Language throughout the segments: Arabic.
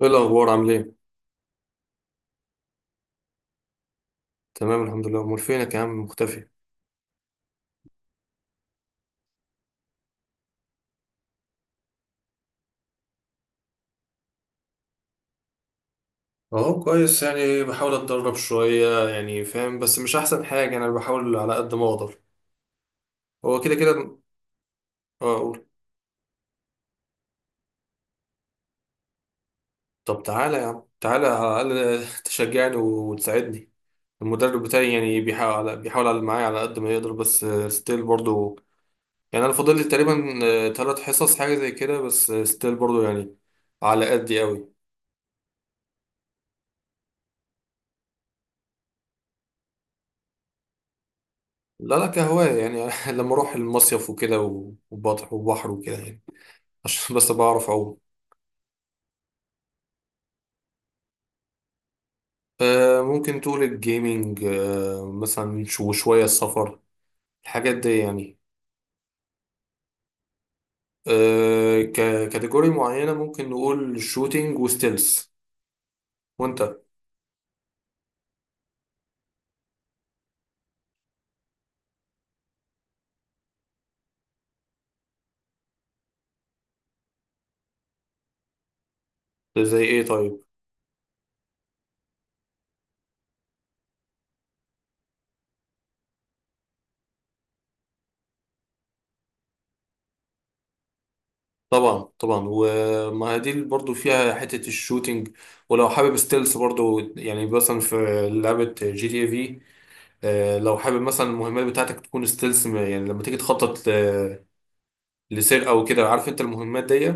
ايه الاخبار؟ عامل ايه؟ تمام، الحمد لله. امال فينك يا عم؟ مختفي. اهو كويس، يعني بحاول اتدرب شويه، يعني فاهم، بس مش احسن حاجه، انا بحاول على قد ما اقدر. هو كده كده. اه اقول. طب تعالى يا عم، تعالى على الاقل تشجعني وتساعدني. المدرب بتاعي يعني بيحاول على معايا على قد ما يقدر، بس ستيل برضو. يعني انا فاضل لي تقريبا ثلاث حصص حاجه زي كده، بس ستيل برضو يعني. على قدي قوي. لا لا، كهواية يعني لما اروح المصيف وكده، وبحر وبحر وكده يعني. عشان بس بعرف أعوم. ممكن تقول الجيمينج، مثلا وشوية السفر، الحاجات دي يعني. ككاتيجوري معينة ممكن نقول شوتينج وستيلز. وانت، زي ايه طيب؟ طبعا طبعا، وما دي برضو فيها حتة الشوتينج، ولو حابب ستيلز برضو يعني، مثلا في لعبة جي تي اي في. لو حابب مثلا المهمات بتاعتك تكون ستيلز، يعني لما تيجي تخطط لسرقة وكده، عارف انت المهمات دي.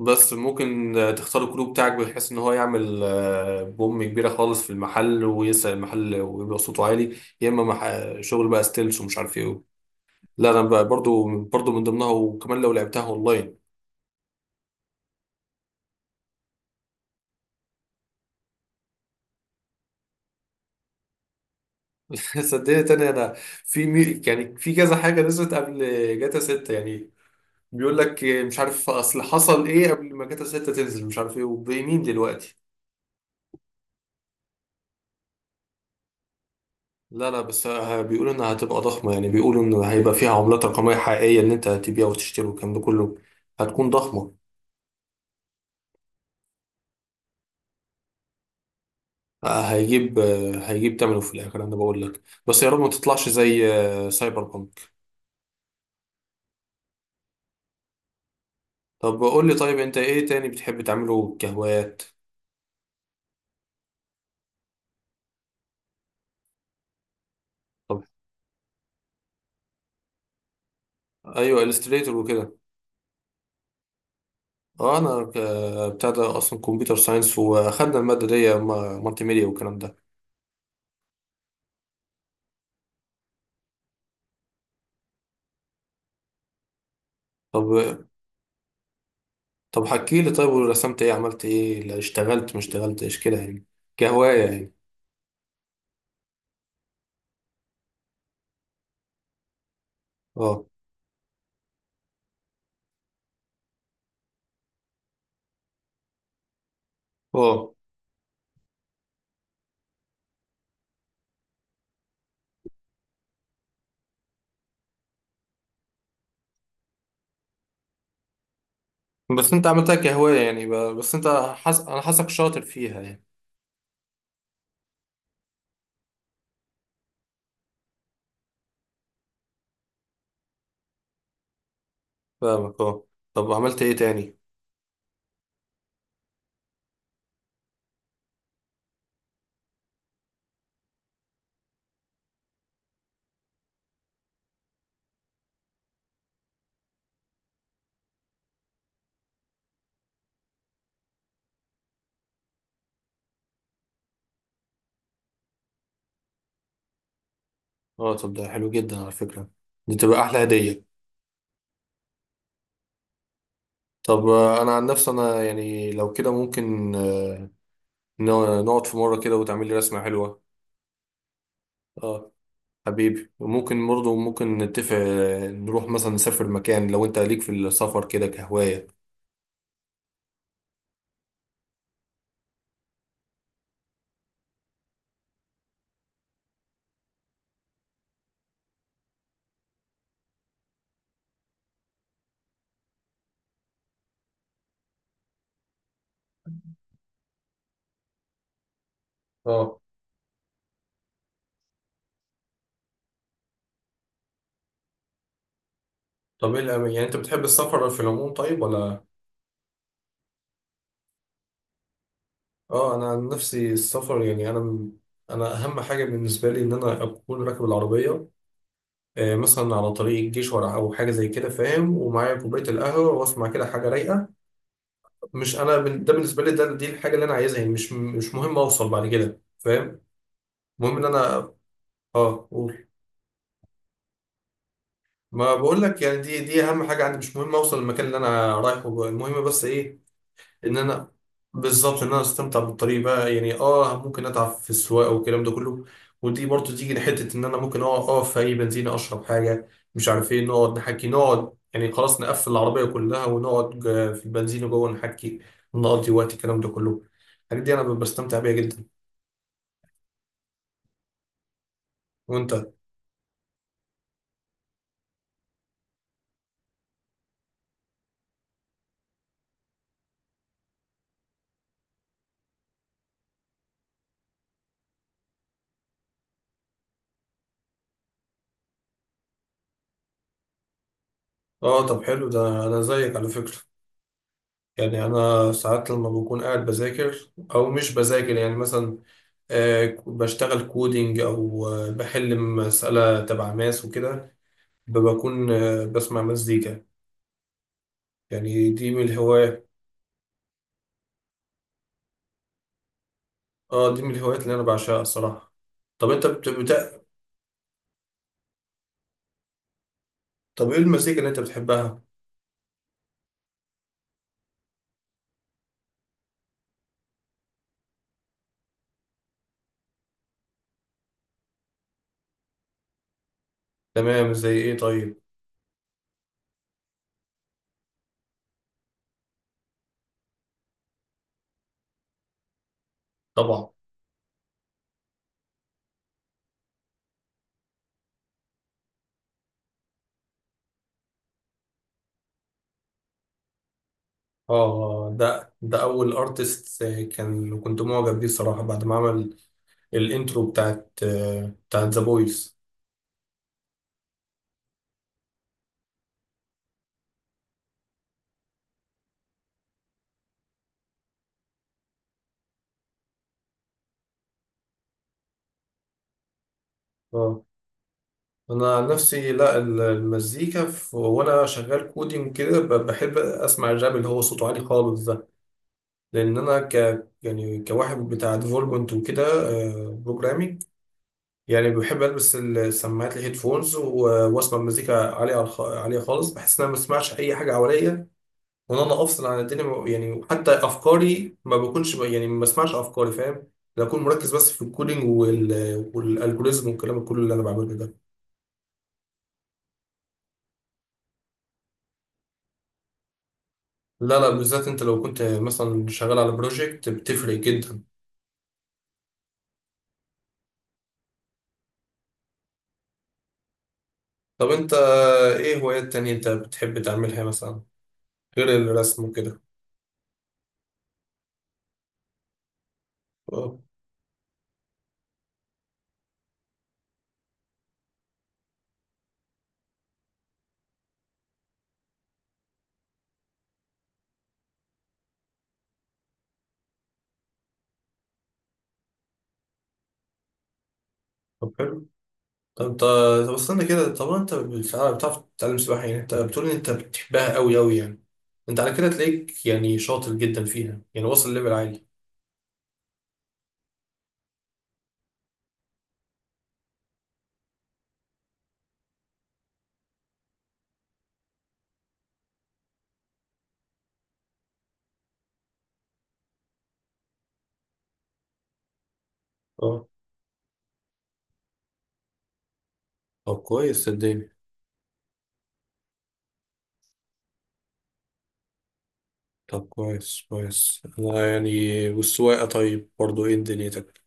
بس ممكن، تختار الكلو بتاعك بحيث ان هو يعمل، بوم كبيره خالص في المحل، ويسرق المحل ويبقى صوته عالي، يا اما شغل بقى ستيلز ومش عارف ايه. لا، انا بقى برضو من ضمنها، وكمان لو لعبتها اونلاين. صدقني تاني انا، في مي... يعني في كذا حاجه نزلت قبل جاتا 6 يعني. بيقول لك، مش عارف اصل حصل ايه قبل ما جاتا 6 تنزل، مش عارف ايه وبمين دلوقتي. لا لا، بس بيقولوا انها هتبقى ضخمة، يعني بيقولوا ان هيبقى فيها عملات رقمية حقيقية، ان انت هتبيع وتشتري والكلام ده كله. هتكون ضخمة. هيجيب تمنه في الاخر، انا بقول لك بس يا رب ما تطلعش زي، سايبر بانك. طب قول لي طيب، انت ايه تاني بتحب تعمله كهوايات؟ طب ايوه، الستريتور وكده. اه انا بتاع ده اصلا كمبيوتر ساينس، واخدنا المادة دي مالتي ميديا والكلام ده. طب. طب حكي لي طيب، ورسمت ايه؟ عملت ايه؟ لا اشتغلت ما اشتغلتش كده يعني، كهواية يعني. اه. اه بس انت عملتها كهواية يعني، بس انت، انا حاسك شاطر فيها يعني. فاهمك اه. طب عملت ايه تاني؟ اه، طب ده حلو جدا على فكرة، دي تبقى احلى هدية. طب، انا عن نفسي، انا يعني لو كده ممكن، نقعد في مرة كده وتعمل لي رسمة حلوة. اه حبيبي، وممكن برضه ممكن نتفق، نروح مثلا نسافر مكان لو انت ليك في السفر كده كهواية. اه، طب ايه يعني انت بتحب السفر في العموم طيب ولا؟ اه انا عن نفسي السفر يعني انا اهم حاجه بالنسبه لي ان انا اكون راكب العربيه، مثلا على طريق الجيش ولا او حاجه زي كده، فاهم، ومعايا كوبايه القهوه واسمع كده حاجه رايقه. مش انا ده بالنسبه لي، ده دي الحاجه اللي انا عايزها يعني، مش مهم اوصل بعد كده، فاهم. المهم ان انا. اه قول. ما بقول لك يعني دي اهم حاجه عندي، مش مهم اوصل المكان اللي انا رايحه، المهم بس ايه؟ ان انا. بالظبط، ان انا استمتع بالطريق بقى يعني، اه ممكن اتعب في السواقه والكلام ده كله، ودي برضو تيجي لحته ان انا ممكن اقف في اي بنزينه اشرب حاجه. مش عارف ايه، نقعد نحكي، نقعد يعني خلاص نقفل العربيه كلها، ونقعد في البنزينه جوه نحكي، نقضي وقت، الكلام ده كله. الحاجات دي انا بستمتع بيها جدا. وانت؟ اه طب حلو، ده انا زيك على فكره، يعني انا ساعات لما بكون قاعد بذاكر او مش بذاكر يعني مثلا، بشتغل كودينج او، بحل مسألة تبع ماس وكده، بكون، بسمع مزيكا، يعني دي من الهوايات. اه، دي من الهوايات اللي انا بعشقها الصراحة. طب انت بتبدأ؟ طب ايه المزيكا اللي انت بتحبها؟ تمام زي ايه طيب؟ طبعا. اه ده اول ارتست كان كنت معجب بيه الصراحة بعد ما عمل الانترو بتاعت ذا بويز. انا عن نفسي لا، المزيكا، في وانا شغال كودينج كده، بحب اسمع الراب اللي هو صوته عالي خالص ده، لان انا ك يعني كواحد بتاع ديفلوبمنت وكده، بروجرامينج، يعني بحب البس السماعات الهيدفونز واسمع مزيكا عاليه على عاليه خالص، بحس ان انا ما بسمعش اي حاجه حواليا، وان انا افصل عن الدنيا يعني حتى افكاري ما بكونش يعني ما بسمعش افكاري، فاهم. بكون مركز بس في الكودينج، والالجوريزم والكلام كله اللي انا بعمله ده. لا لا، بالذات انت لو كنت مثلا شغال على بروجكت بتفرق جدا. طب انت ايه هوايات تانية انت بتحب تعملها مثلا غير الرسم وكده؟ اه، طب حلو، طب انت، طب استنى كده، طب انت بتعرف تتعلم سباحة؟ يعني انت بتقول ان انت بتحبها قوي قوي يعني، انت على كده تلاقيك يعني شاطر جدا فيها يعني واصل ليفل عالي. اه طب كويس صدقني. طب كويس كويس، انا يعني، والسواقة طيب برضو، ايه دنيتك؟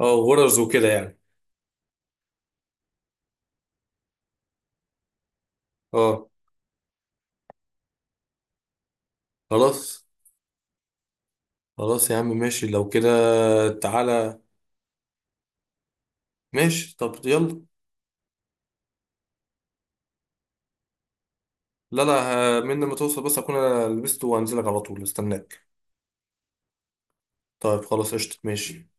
اه غرز وكده يعني. اه، خلاص، خلاص يا عم ماشي لو كده. تعالى، ماشي طب يلا. لا لا من لما توصل، بس اكون انا لبست وهنزلك على طول استناك. طيب خلاص قشطة ماشي.